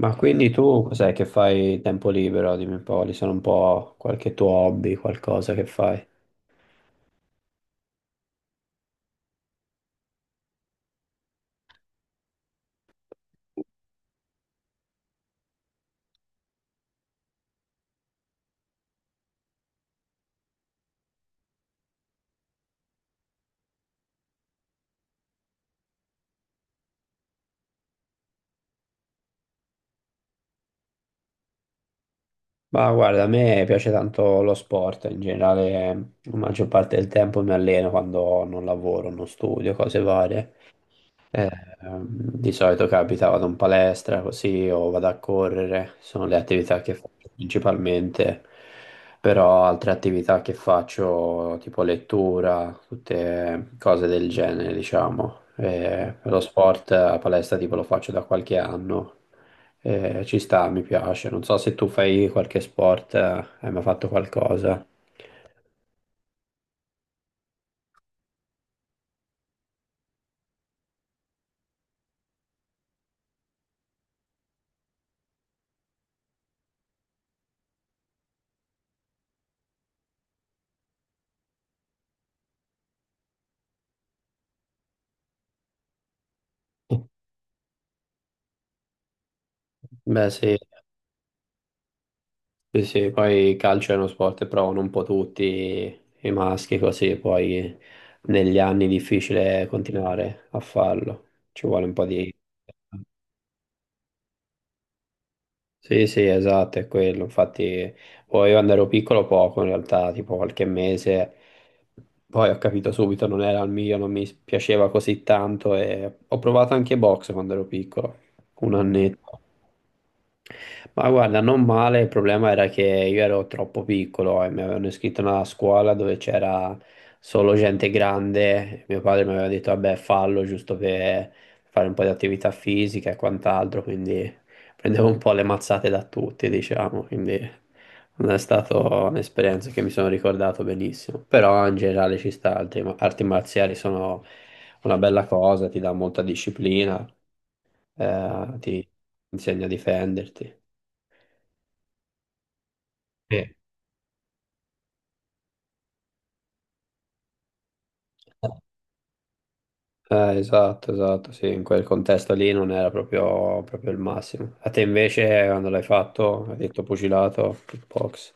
Ma quindi tu cos'è che fai tempo libero? Dimmi un po', quali sono un po' qualche tuo hobby, qualcosa che fai? Ma guarda, a me piace tanto lo sport, in generale la maggior parte del tempo mi alleno quando non lavoro, non studio, cose varie. Eh, ehm, di solito capita, vado in palestra così o vado a correre, sono le attività che faccio principalmente, però altre attività che faccio tipo lettura, tutte cose del genere, diciamo. Lo sport a palestra tipo lo faccio da qualche anno. Ci sta, mi piace. Non so se tu fai qualche sport, hai mai fatto qualcosa? Beh, sì. Sì, sì, poi il calcio è uno sport che provano un po' tutti i maschi così, poi negli anni è difficile continuare a farlo, ci vuole un po' di. Sì, sì, esatto, è quello, infatti poi io quando ero piccolo poco in realtà, tipo qualche mese, poi ho capito subito non era il mio, non mi piaceva così tanto e ho provato anche box quando ero piccolo, un annetto. Ma guarda, non male, il problema era che io ero troppo piccolo e mi avevano iscritto a una scuola dove c'era solo gente grande. Mio padre mi aveva detto, vabbè, fallo giusto per fare un po' di attività fisica e quant'altro, quindi prendevo un po' le mazzate da tutti, diciamo, quindi non è stata un'esperienza che mi sono ricordato benissimo. Però in generale ci sta, altre arti marziali sono una bella cosa, ti dà molta disciplina, ti insegna a difenderti. Sì. Esatto, esatto, sì, in quel contesto lì non era proprio, proprio il massimo. A te invece, quando l'hai fatto, hai detto pugilato, kickbox,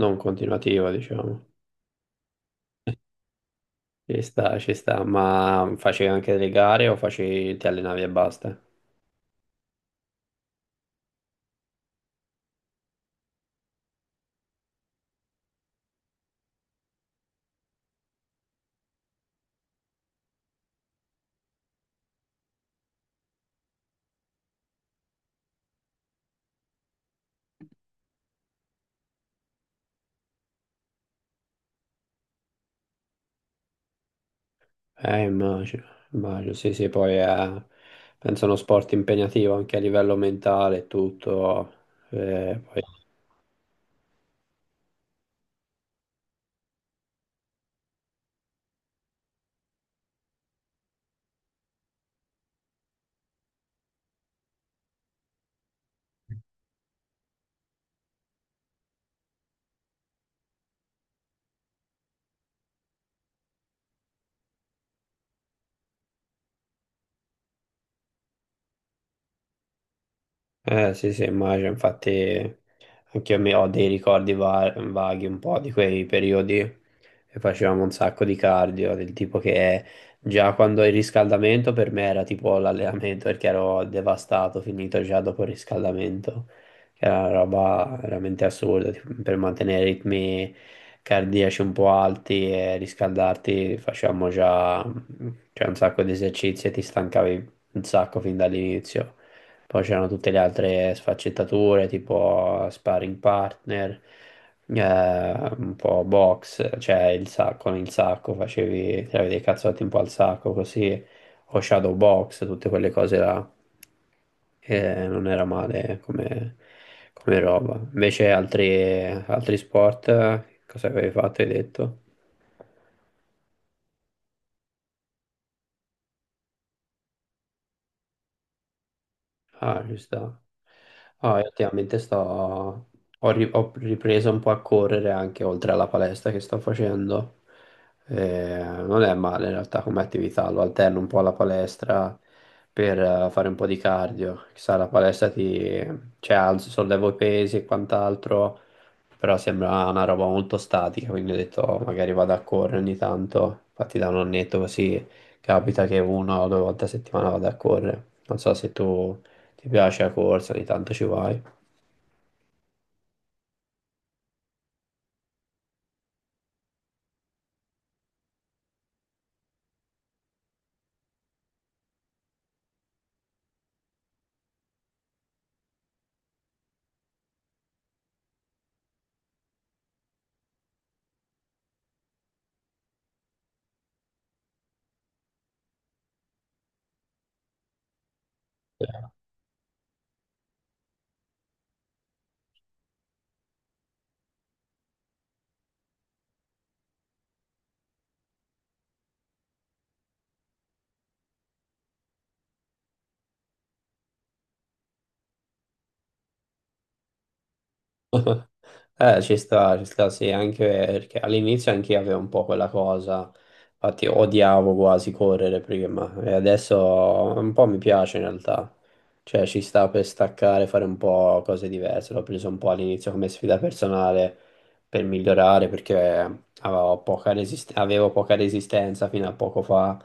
non continuativa, diciamo. Ci sta, ma facevi anche delle gare o facevi, ti allenavi e basta? Immagino, immagino, sì, sì, poi penso uno sport impegnativo anche a livello mentale e tutto, poi. Sì, sì, immagino, infatti anche io mi ho dei ricordi vaghi un po' di quei periodi che facevamo un sacco di cardio, del tipo che già quando il riscaldamento per me era tipo l'allenamento perché ero devastato, finito già dopo il riscaldamento, che era una roba veramente assurda, tipo, per mantenere i ritmi cardiaci un po' alti e riscaldarti facevamo già, cioè, un sacco di esercizi e ti stancavi un sacco fin dall'inizio. Poi c'erano tutte le altre sfaccettature, tipo sparring partner, eh, un po' box, cioè il sacco, con il sacco, facevi, tiravi dei cazzotti un po' al sacco, così, o shadow box, tutte quelle cose là. E non era male come, come roba. Invece altri sport, cosa avevi fatto, hai detto? Ah, ci sta. Ah, io ultimamente ho ripreso un po' a correre anche oltre alla palestra che sto facendo. Non è male in realtà come attività, lo alterno un po' alla palestra per fare un po' di cardio. Chissà, la palestra cioè, sollevo i pesi e quant'altro, però sembra una roba molto statica, quindi ho detto: "Oh, magari vado a correre ogni tanto." Infatti da un annetto così capita che una o due volte a settimana vado a correre. Non so se ti piace la corsa, ogni tanto ci vai. Ci sta, ci sta, sì, anche perché all'inizio anch'io avevo un po' quella cosa, infatti odiavo quasi correre prima e adesso un po' mi piace in realtà, cioè ci sta per staccare, fare un po' cose diverse, l'ho preso un po' all'inizio come sfida personale per migliorare perché avevo poca resistenza fino a poco fa,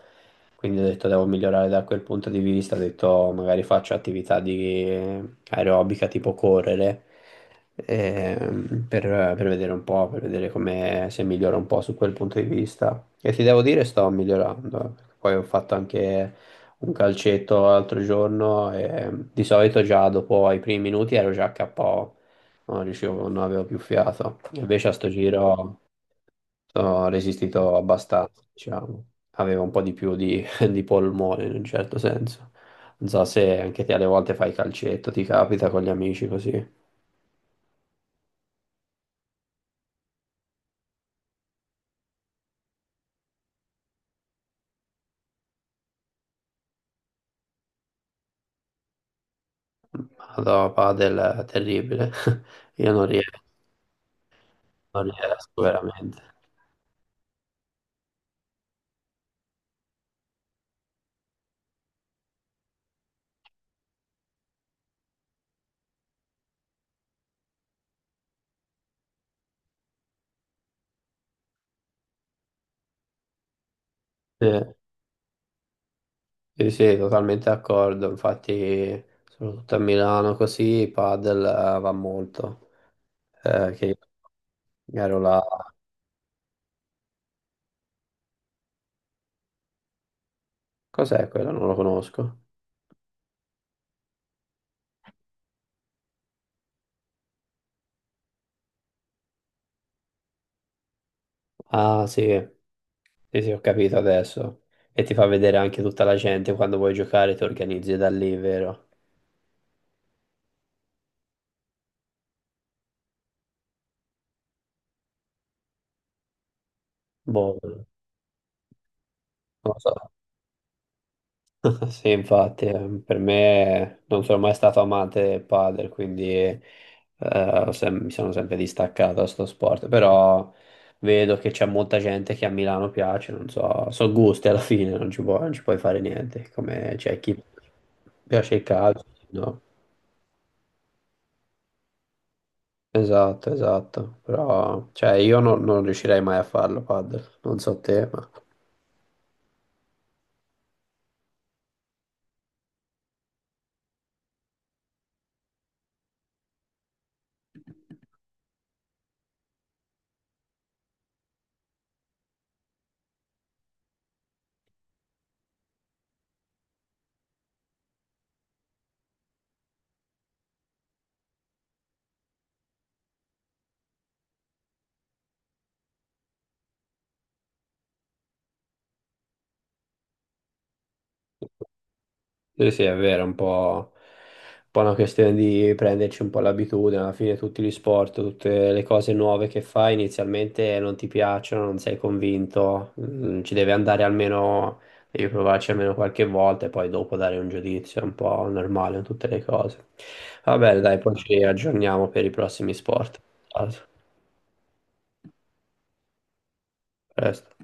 quindi ho detto devo migliorare da quel punto di vista, ho detto magari faccio attività di aerobica tipo correre ehm, per, per, vedere un po', per vedere come se migliora un po' su quel punto di vista. E ti devo dire, sto migliorando. Poi ho fatto anche un calcetto l'altro giorno e di solito già dopo i primi minuti ero già KO, non riuscivo, non avevo più fiato. Invece a sto giro ho resistito abbastanza, diciamo. Avevo un po' di più di, di polmone in un certo senso. Non so se anche te alle volte fai calcetto, ti capita con gli amici così. Madonna, padel è terribile. Io non riesco, non riesco veramente. Eh, Sì, sì, totalmente d'accordo. Infatti, soprattutto a Milano così, padel va molto. Che ero là. Cos'è quello? Non lo conosco. Ah, sì, sì, sì, ho capito adesso. E ti fa vedere anche tutta la gente quando vuoi giocare, ti organizzi da lì, vero? Boh, non lo so. Sì, infatti, per me non sono mai stato amante del padel, quindi mi sono sempre distaccato da sto sport, però vedo che c'è molta gente che a Milano piace, non so, sono gusti alla fine, non ci puoi fare niente, come c'è chi piace il calcio, no? Esatto, esatto, però cioè, io non riuscirei mai a farlo padel, non so te, ma. Sì, sì, è vero, è un po', una questione di prenderci un po' l'abitudine, alla fine tutti gli sport, tutte le cose nuove che fai inizialmente non ti piacciono, non sei convinto, ci devi andare almeno, devi provarci almeno qualche volta e poi dopo dare un giudizio, è un po' normale in tutte le cose. Va bene, dai, poi ci aggiorniamo per i prossimi sport. Ciao, a presto.